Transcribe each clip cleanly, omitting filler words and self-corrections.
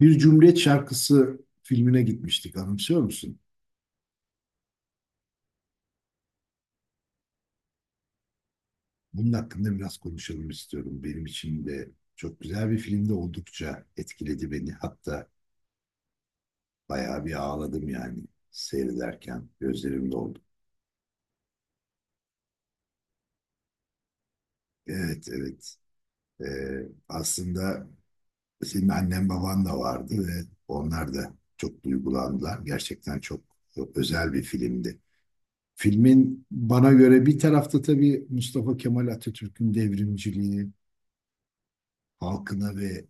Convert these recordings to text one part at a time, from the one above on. Bir Cumhuriyet Şarkısı filmine gitmiştik, anımsıyor musun? Bunun hakkında biraz konuşalım istiyorum. Benim için de çok güzel bir filmde oldukça etkiledi beni. Hatta bayağı bir ağladım yani seyrederken gözlerim doldu. Evet, evet. Aslında senin annen baban da vardı ve onlar da çok duygulandılar. Gerçekten çok, çok özel bir filmdi. Filmin bana göre bir tarafta tabii Mustafa Kemal Atatürk'ün devrimciliği, halkına ve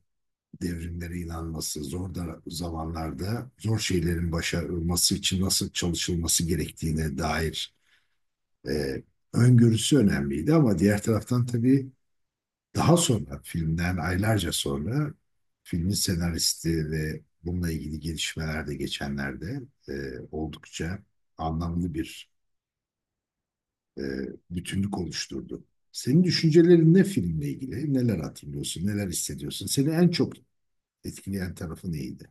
devrimlere inanması, zor da zamanlarda zor şeylerin başarılması için nasıl çalışılması gerektiğine dair e, öngörüsü önemliydi. Ama diğer taraftan tabii daha sonra, filmden aylarca sonra, filmin senaristi ve bununla ilgili gelişmeler de geçenlerde e, oldukça anlamlı bir e, bütünlük oluşturdu. Senin düşüncelerin ne filmle ilgili? Neler hatırlıyorsun? Neler hissediyorsun? Seni en çok etkileyen tarafı neydi?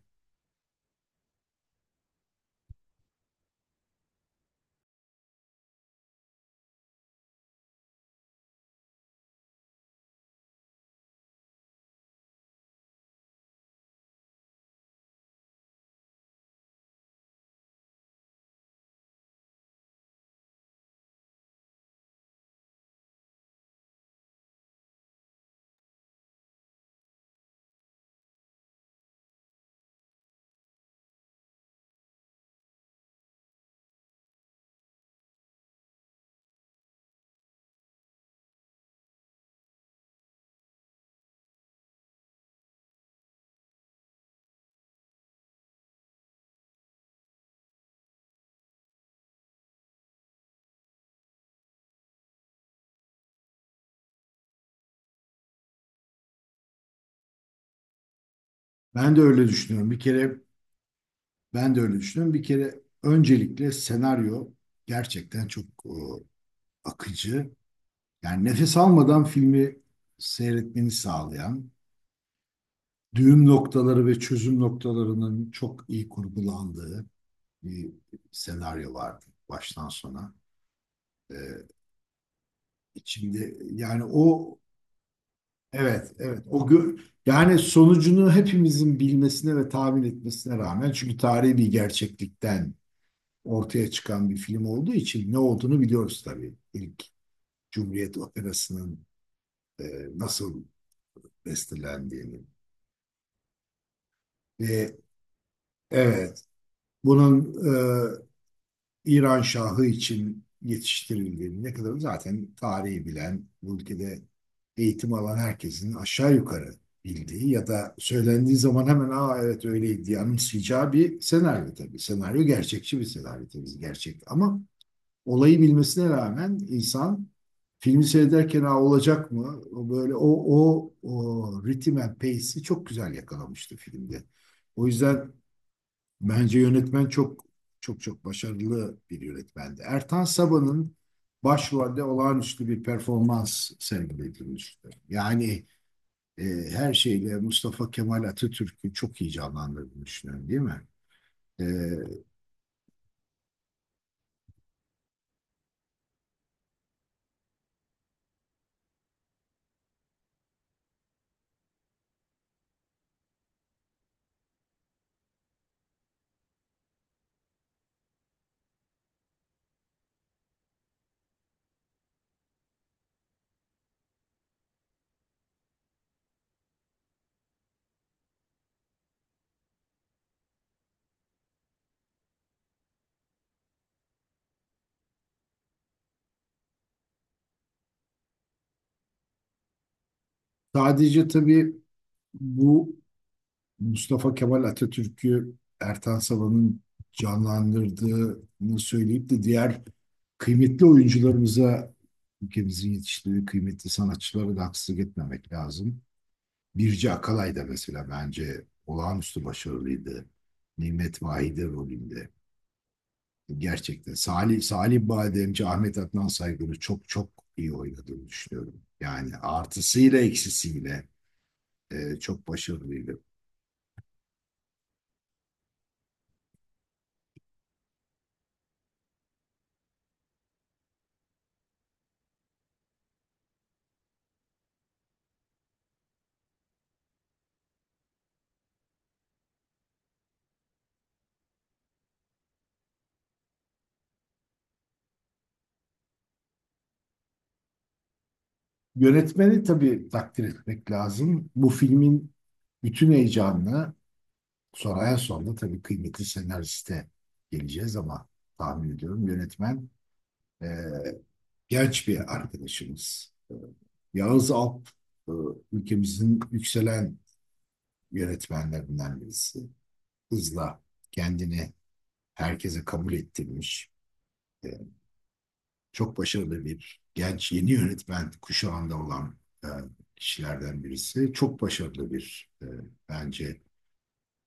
Ben de öyle düşünüyorum. Bir kere öncelikle senaryo gerçekten çok akıcı. Yani nefes almadan filmi seyretmeni sağlayan, düğüm noktaları ve çözüm noktalarının çok iyi kurgulandığı bir senaryo vardı baştan sona. E, içinde yani o evet evet o gö- Yani sonucunu hepimizin bilmesine ve tahmin etmesine rağmen, çünkü tarihi bir gerçeklikten ortaya çıkan bir film olduğu için ne olduğunu biliyoruz tabii. İlk Cumhuriyet Operası'nın nasıl bestelendiğini. Ve evet, bunun İran Şahı için yetiştirildiğini, ne kadar zaten tarihi bilen bu ülkede eğitim alan herkesin aşağı yukarı bildiği ya da söylendiği zaman hemen "aa, evet öyleydi" diye anımsayacağı bir senaryo tabii. Senaryo gerçekçi bir senaryo, tabii gerçek, ama olayı bilmesine rağmen insan filmi seyrederken "Aa, olacak mı?" O böyle o ritim and pace'i çok güzel yakalamıştı filmde. O yüzden bence yönetmen çok çok çok başarılı bir yönetmendi. Ertan Sabah'ın başrolde olağanüstü bir performans sergilemişti. Yani e, her şeyle Mustafa Kemal Atatürk'ü çok iyi canlandırdığını düşünüyorum, değil mi? E, sadece tabii bu Mustafa Kemal Atatürk'ü Ertan Salan'ın canlandırdığını söyleyip de diğer kıymetli oyuncularımıza, ülkemizin yetiştirdiği kıymetli sanatçılara da haksızlık etmemek lazım. Birce Akalay da mesela bence olağanüstü başarılıydı, Nimet Vahide rolünde. Gerçekten Salih Bademci, Ahmet Adnan Saygın'ı çok çok iyi oynadığını düşünüyorum. Yani artısıyla eksisiyle çok başarılıydı. Yönetmeni tabii takdir etmek lazım. Bu filmin bütün heyecanını, sonra tabii kıymetli senariste geleceğiz ama, tahmin ediyorum yönetmen e, genç bir arkadaşımız. Yağız Alp, e, ülkemizin yükselen yönetmenlerinden birisi. Hızla kendini herkese kabul ettirmiş. E, Çok başarılı, bir genç yeni yönetmen kuşağında olan e, kişilerden birisi. Çok başarılı bir, bence,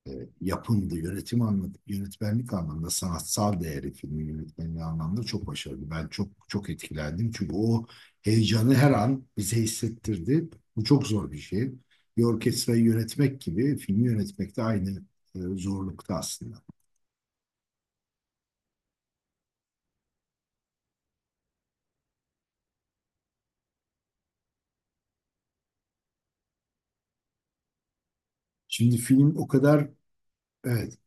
e, yapımdı. Yönetim anlamında, yönetmenlik anlamında, sanatsal değeri, filmin yönetmenliği anlamında çok başarılı. Ben çok çok etkilendim. Çünkü o heyecanı her an bize hissettirdi. Bu çok zor bir şey. Bir orkestrayı yönetmek gibi, filmi yönetmek de aynı zorlukta aslında. Şimdi film o kadar evet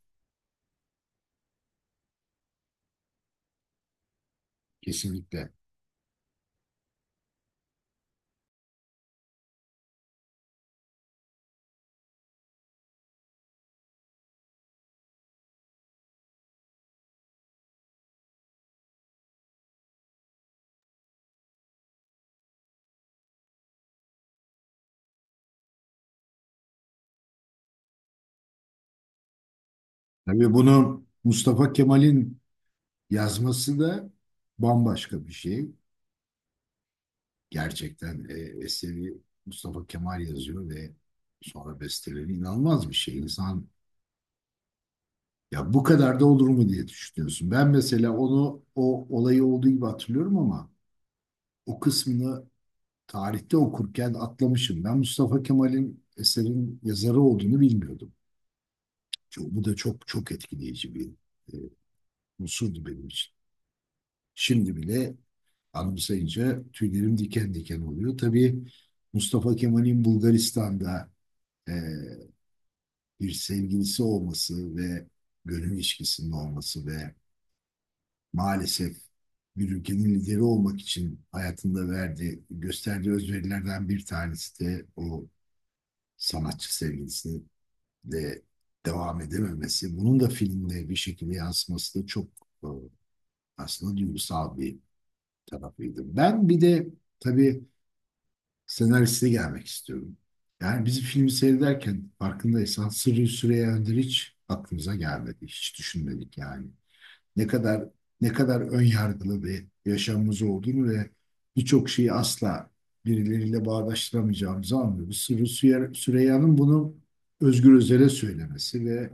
kesinlikle. Tabii bunu Mustafa Kemal'in yazması da bambaşka bir şey. Gerçekten eseri Mustafa Kemal yazıyor ve sonra besteleri inanılmaz bir şey. İnsan "ya, bu kadar da olur mu" diye düşünüyorsun. Ben mesela onu, o olayı olduğu gibi hatırlıyorum ama o kısmını tarihte okurken atlamışım. Ben Mustafa Kemal'in eserin yazarı olduğunu bilmiyordum. Bu da çok çok etkileyici bir e, unsurdu benim için. Şimdi bile anımsayınca tüylerim diken diken oluyor. Tabii Mustafa Kemal'in Bulgaristan'da e, bir sevgilisi olması ve gönül ilişkisinin olması ve maalesef, bir ülkenin lideri olmak için hayatında verdiği, gösterdiği özverilerden bir tanesi de o sanatçı sevgilisi de devam edememesi. Bunun da filmde bir şekilde yansıması da çok, e, aslında duygusal bir tarafıydı. Ben bir de tabii senaristi gelmek istiyorum. Yani biz filmi seyrederken, farkındaysan, Sırrı Süreyya Önder'i hiç aklımıza gelmedi. Hiç düşünmedik yani. Ne kadar ne kadar ön yargılı bir yaşamımız olduğunu ve birçok şeyi asla birileriyle bağdaştıramayacağımızı anlıyoruz. Süreyya'nın bunu Özgür Özel'e söylemesi ve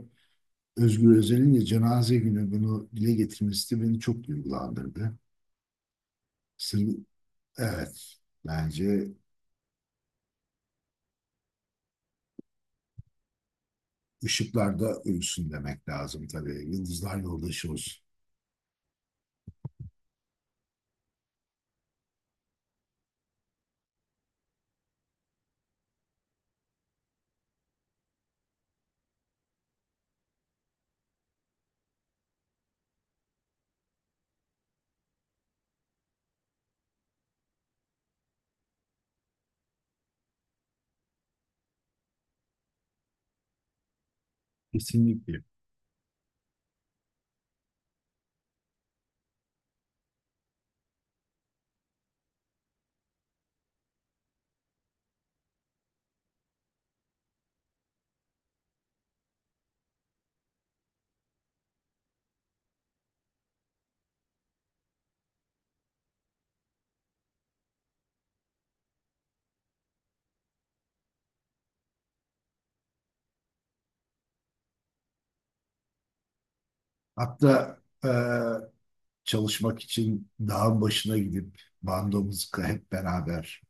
Özgür Özel'in de cenaze günü bunu dile getirmesi de beni çok duygulandırdı. Sırrı, evet, bence ışıklarda ölsün demek lazım tabii. Yıldızlar yoldaşı olsun. Kesinlikle. Hatta çalışmak için dağın başına gidip bandomuzu hep beraber,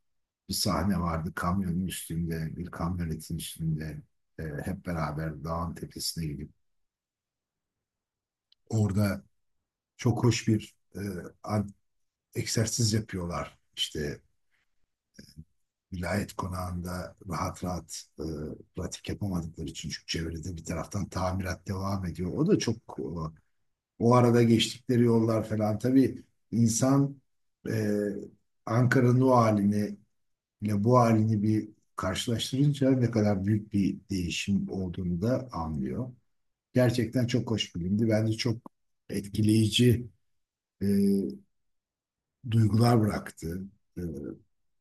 bir sahne vardı kamyonun üstünde, bir kamyonetin üstünde, hep beraber dağın tepesine gidip orada çok hoş bir, an- egzersiz yapıyorlar. İşte vilayet konağında rahat rahat pratik yapamadıkları için, çünkü çevrede bir taraftan tamirat devam ediyor. O da çok, o arada geçtikleri yollar falan, tabii insan e, Ankara'nın o halini ile bu halini bir karşılaştırınca ne kadar büyük bir değişim olduğunu da anlıyor. Gerçekten çok hoş filmdi. Bence çok etkileyici e, duygular bıraktı. Ee,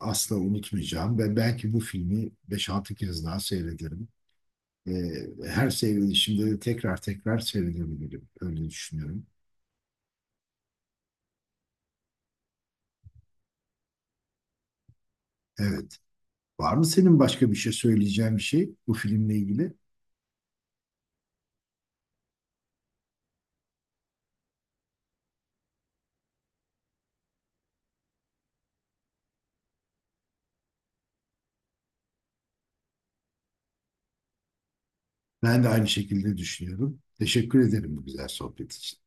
asla unutmayacağım ve belki bu filmi beş altı kez daha seyrederim. Ee, her seyredişimde de tekrar tekrar seyredebilirim. Öyle düşünüyorum. Evet. Var mı senin başka bir şey söyleyeceğin, bir şey bu filmle ilgili? Ben de aynı şekilde düşünüyorum. Teşekkür ederim bu güzel sohbet için.